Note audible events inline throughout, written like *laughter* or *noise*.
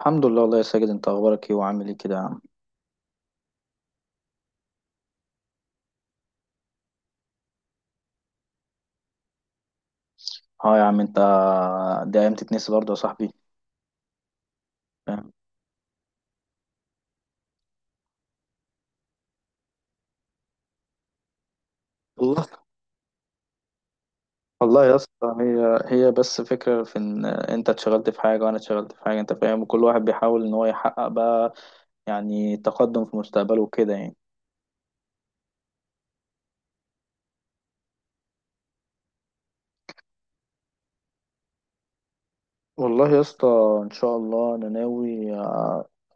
الحمد لله والله يا ساجد، انت اخبارك ايه وعامل ايه كده يا عم؟ اه، يا عم، انت دي ايام تتنسي برضه يا صاحبي. فاهم؟ والله. والله يا اسطى، هي بس فكرة في ان انت اتشغلت في حاجة وانا اتشغلت في حاجة، انت فاهم، وكل واحد بيحاول ان هو يحقق بقى يعني تقدم في مستقبله وكده يعني. والله يا اسطى، ان شاء الله انا ناوي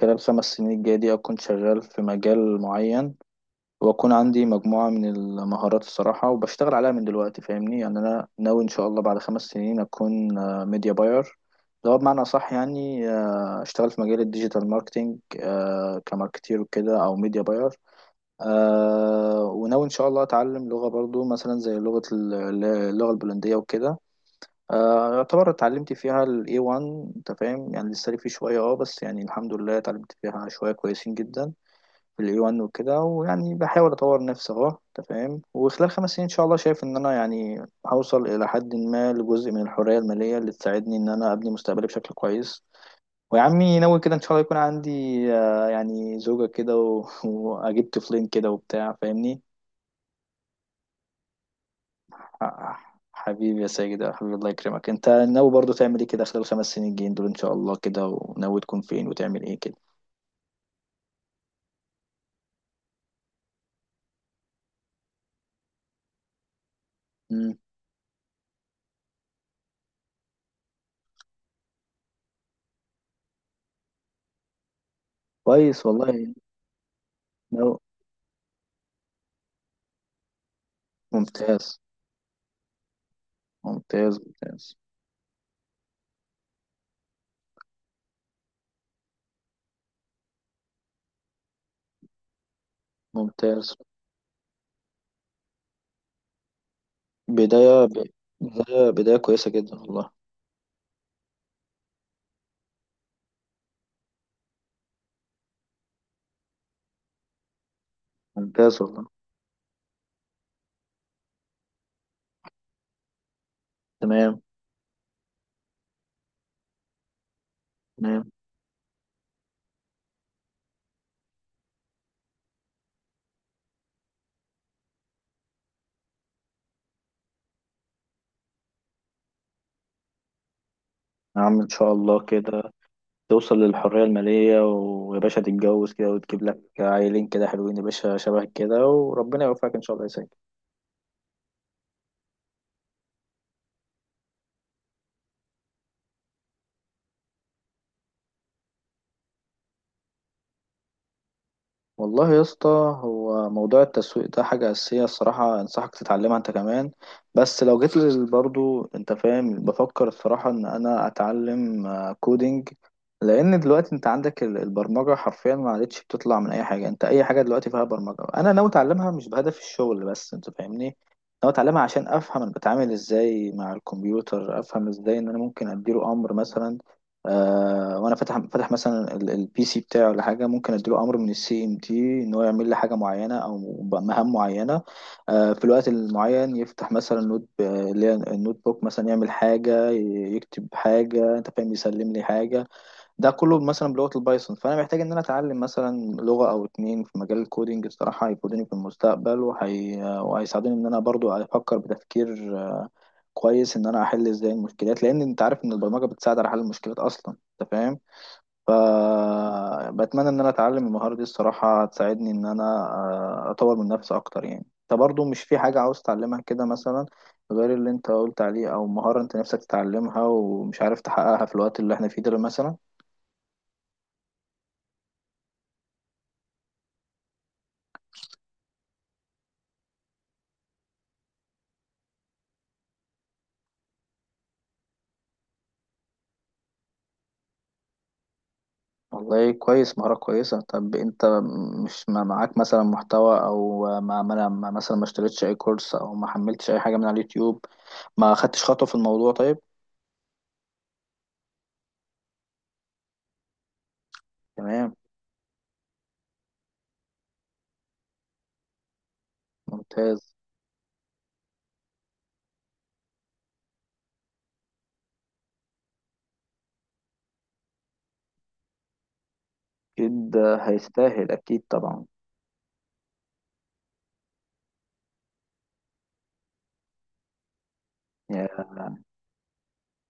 خلال 5 سنين الجاية دي اكون شغال في مجال معين، واكون عندي مجموعة من المهارات الصراحة وبشتغل عليها من دلوقتي فاهمني. يعني انا ناوي ان شاء الله بعد 5 سنين اكون ميديا باير، اللي هو بمعنى صح يعني. اشتغل في مجال الديجيتال ماركتينج، كماركتير وكده او ميديا باير. وناوي ان شاء الله اتعلم لغة برضو مثلا زي اللغة البولندية وكده. يعتبر اتعلمت فيها ال A1، انت فاهم، يعني لسه لي فيه شوية اه، بس يعني الحمد لله اتعلمت فيها شوية كويسين جدا في الاي 1 وكده، ويعني بحاول اطور نفسي اهو انت فاهم. وخلال 5 سنين ان شاء الله شايف ان انا يعني هوصل الى حد ما لجزء من الحريه الماليه اللي تساعدني ان انا ابني مستقبلي بشكل كويس. ويا عمي ناوي كده ان شاء الله يكون عندي يعني زوجة كده و... *laughs* واجيب طفلين كده وبتاع، فاهمني. حبيبي يا ساجد، يا حبيبي الله يكرمك. انت ناوي برضو تعمل ايه كده خلال الخمس سنين الجايين دول ان شاء الله كده؟ وناوي تكون فين وتعمل ايه كده؟ مم. كويس والله. ناوي. ممتاز. ممتاز. ممتاز. ممتاز. بداية بداية كويسة جدا والله. ممتاز والله. تمام. تمام. يا عم إن شاء الله كده توصل للحرية المالية، ويا باشا تتجوز كده وتجيب لك عيلين كده حلوين يا باشا شبه كده، وربنا يوفقك إن شاء الله يا سيد. والله يا اسطى، هو موضوع التسويق ده حاجة أساسية الصراحة، أنصحك تتعلمها أنت كمان. بس لو برضو أنت فاهم، بفكر الصراحة إن أنا أتعلم كودينج، لأن دلوقتي أنت عندك البرمجة حرفيا ما عادتش بتطلع من أي حاجة. أنت أي حاجة دلوقتي فيها برمجة، أنا ناوي أتعلمها مش بهدف الشغل بس، أنت فاهمني. ناوي أتعلمها عشان أفهم أنا بتعامل إزاي مع الكمبيوتر، أفهم إزاي إن أنا ممكن أديله أمر مثلا. آه، وانا فاتح مثلا البي سي بتاعي ولا حاجه، ممكن اديله امر من السي ام تي ان هو يعمل لي حاجه معينه او مهام معينه آه في الوقت المعين. يفتح مثلا اللي هي النوت بوك مثلا، يعمل حاجه يكتب حاجه، انت فاهم، يسلم لي حاجه. ده كله مثلا بلغه البايثون، فانا محتاج ان انا اتعلم مثلا لغه او اتنين في مجال الكودينج الصراحه هيفيدوني في المستقبل، وهيساعدوني ان انا برضو افكر بتفكير كويس ان انا احل ازاي المشكلات، لان انت عارف ان البرمجه بتساعد على حل المشكلات اصلا. انت فاهم؟ فبتمنى ان انا اتعلم المهارة دي الصراحة هتساعدني ان انا اطور من نفسي اكتر يعني. انت برضو مش في حاجة عاوز تتعلمها كده مثلا، غير اللي انت قلت عليه، او مهارة انت نفسك تتعلمها ومش عارف تحققها في الوقت اللي احنا فيه ده مثلا؟ والله كويس، مهارة كويسة. طب انت مش ما معاك مثلا محتوى، او مثلا ما اشتريتش اي كورس او ما حملتش اي حاجة من على اليوتيوب؟ ما خدتش خطوة في الموضوع طيب. تمام. ممتاز. اكيد هيستاهل، اكيد طبعا.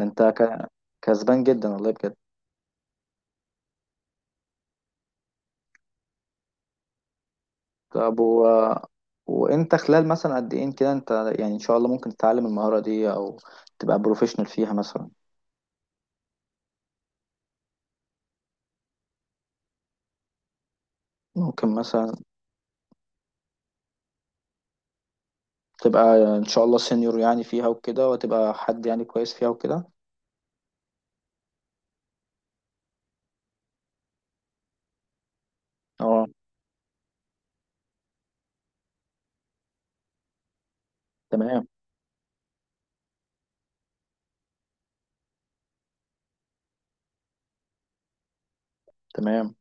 انت ك- كسبان جدا والله بجد. طب و... وانت خلال مثلا قد ايه كده انت يعني ان شاء الله ممكن تتعلم المهارة دي او تبقى بروفيشنال فيها مثلا؟ ممكن مثلا تبقى ان شاء الله سينيور يعني فيها وكده، وتبقى حد يعني كويس فيها وكده. اه. تمام. تمام.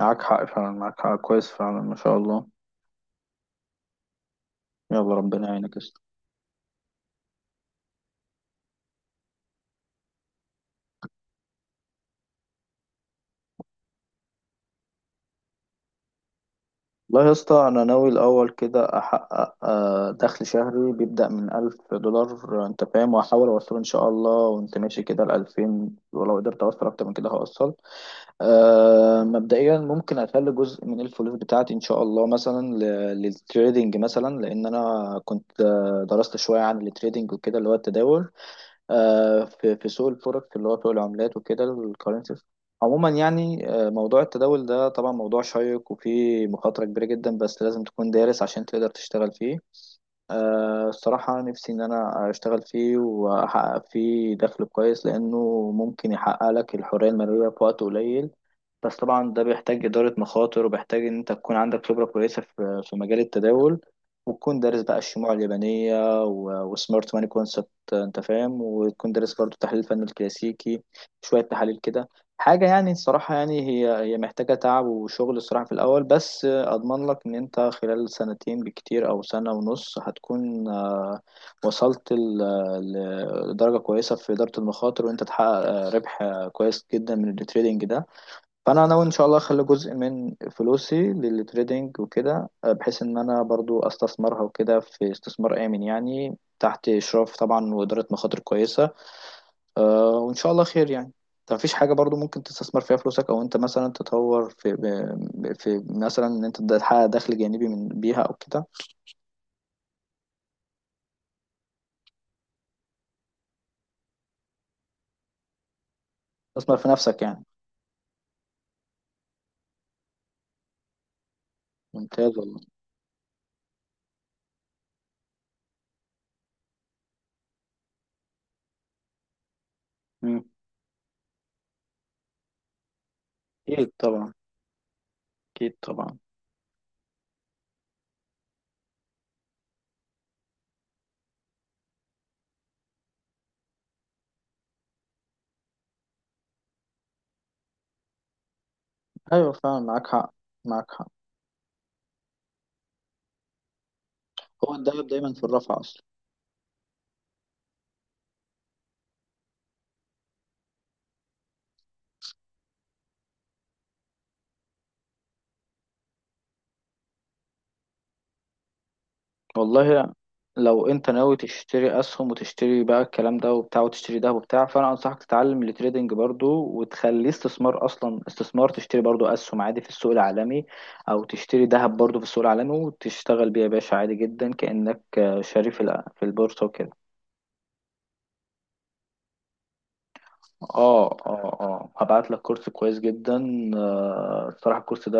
معاك حق فعلا، معاك حق، كويس فعلا ما شاء الله. يلا ربنا يعينك. والله يا اسطى، انا ناوي الاول كده احقق دخل شهري بيبدا من 1000 دولار، انت فاهم، واحاول اوصله ان شاء الله وانت ماشي كده ل 2000، ولو قدرت اوصل اكتر من كده هوصل. مبدئيا ممكن اخلي جزء من الفلوس بتاعتي ان شاء الله مثلا للتريدينج مثلا، لان انا كنت درست شويه عن التريدينج وكده، اللي هو التداول في سوق الفوركس اللي هو سوق العملات وكده الكرنسيز عموما يعني. موضوع التداول ده طبعا موضوع شيق وفيه مخاطرة كبيرة جدا، بس لازم تكون دارس عشان تقدر تشتغل فيه. الصراحة نفسي إن أنا أشتغل فيه وأحقق فيه دخل كويس، لأنه ممكن يحقق لك الحرية المالية في وقت قليل. بس طبعا ده بيحتاج إدارة مخاطر، وبيحتاج إن أنت تكون عندك خبرة كويسة في مجال التداول، وتكون دارس بقى الشموع اليابانية وسمارت ماني كونسبت، أنت فاهم. وتكون دارس برضه تحليل فن الكلاسيكي، شوية تحاليل كده. حاجة يعني الصراحة يعني هي محتاجة تعب وشغل الصراحة في الأول. بس أضمن لك إن أنت خلال سنتين بكتير أو سنة ونص هتكون وصلت لدرجة كويسة في إدارة المخاطر، وأنت تحقق ربح كويس جدا من التريدينج ده. فأنا ناوي إن شاء الله أخلي جزء من فلوسي للتريدينج وكده، بحيث إن أنا برضو أستثمرها وكده في استثمار آمن، يعني تحت إشراف طبعا وإدارة مخاطر كويسة. آه، وإن شاء الله خير يعني. انت مفيش حاجة برضو ممكن تستثمر فيها فلوسك، أو أنت مثلا تطور في في مثلا إن أنت تحقق دخل جانبي من بيها أو كده؟ استثمر في نفسك يعني. ممتاز والله. مم. أكيد طبعا. أكيد طبعا. أيوة فعلا معاك حق. معاك حق. هو الدهب دايما في الرفع أصلا. والله، لو انت ناوي تشتري اسهم وتشتري بقى الكلام ده وبتاع وتشتري ده وبتاع، فانا انصحك تتعلم التريدنج برضو وتخليه استثمار، اصلا استثمار تشتري برضو اسهم عادي في السوق العالمي، او تشتري ذهب برضو في السوق العالمي وتشتغل بيه يا باشا عادي جدا، كأنك شاري في في البورصة وكده. اه، اه، اه، هبعت لك كورس كويس جدا. الصراحة الكورس ده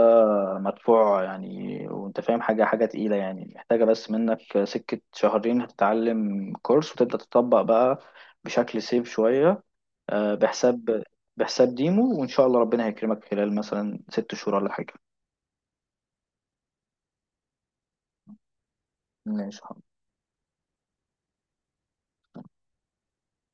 مدفوع يعني، وانت فاهم حاجة حاجة تقيلة يعني، محتاجة بس منك سكة شهرين هتتعلم كورس وتبدأ تطبق بقى بشكل سيف شوية. آه، بحساب بحساب ديمو، وان شاء الله ربنا هيكرمك خلال مثلا 6 شهور ولا حاجة. ماشي.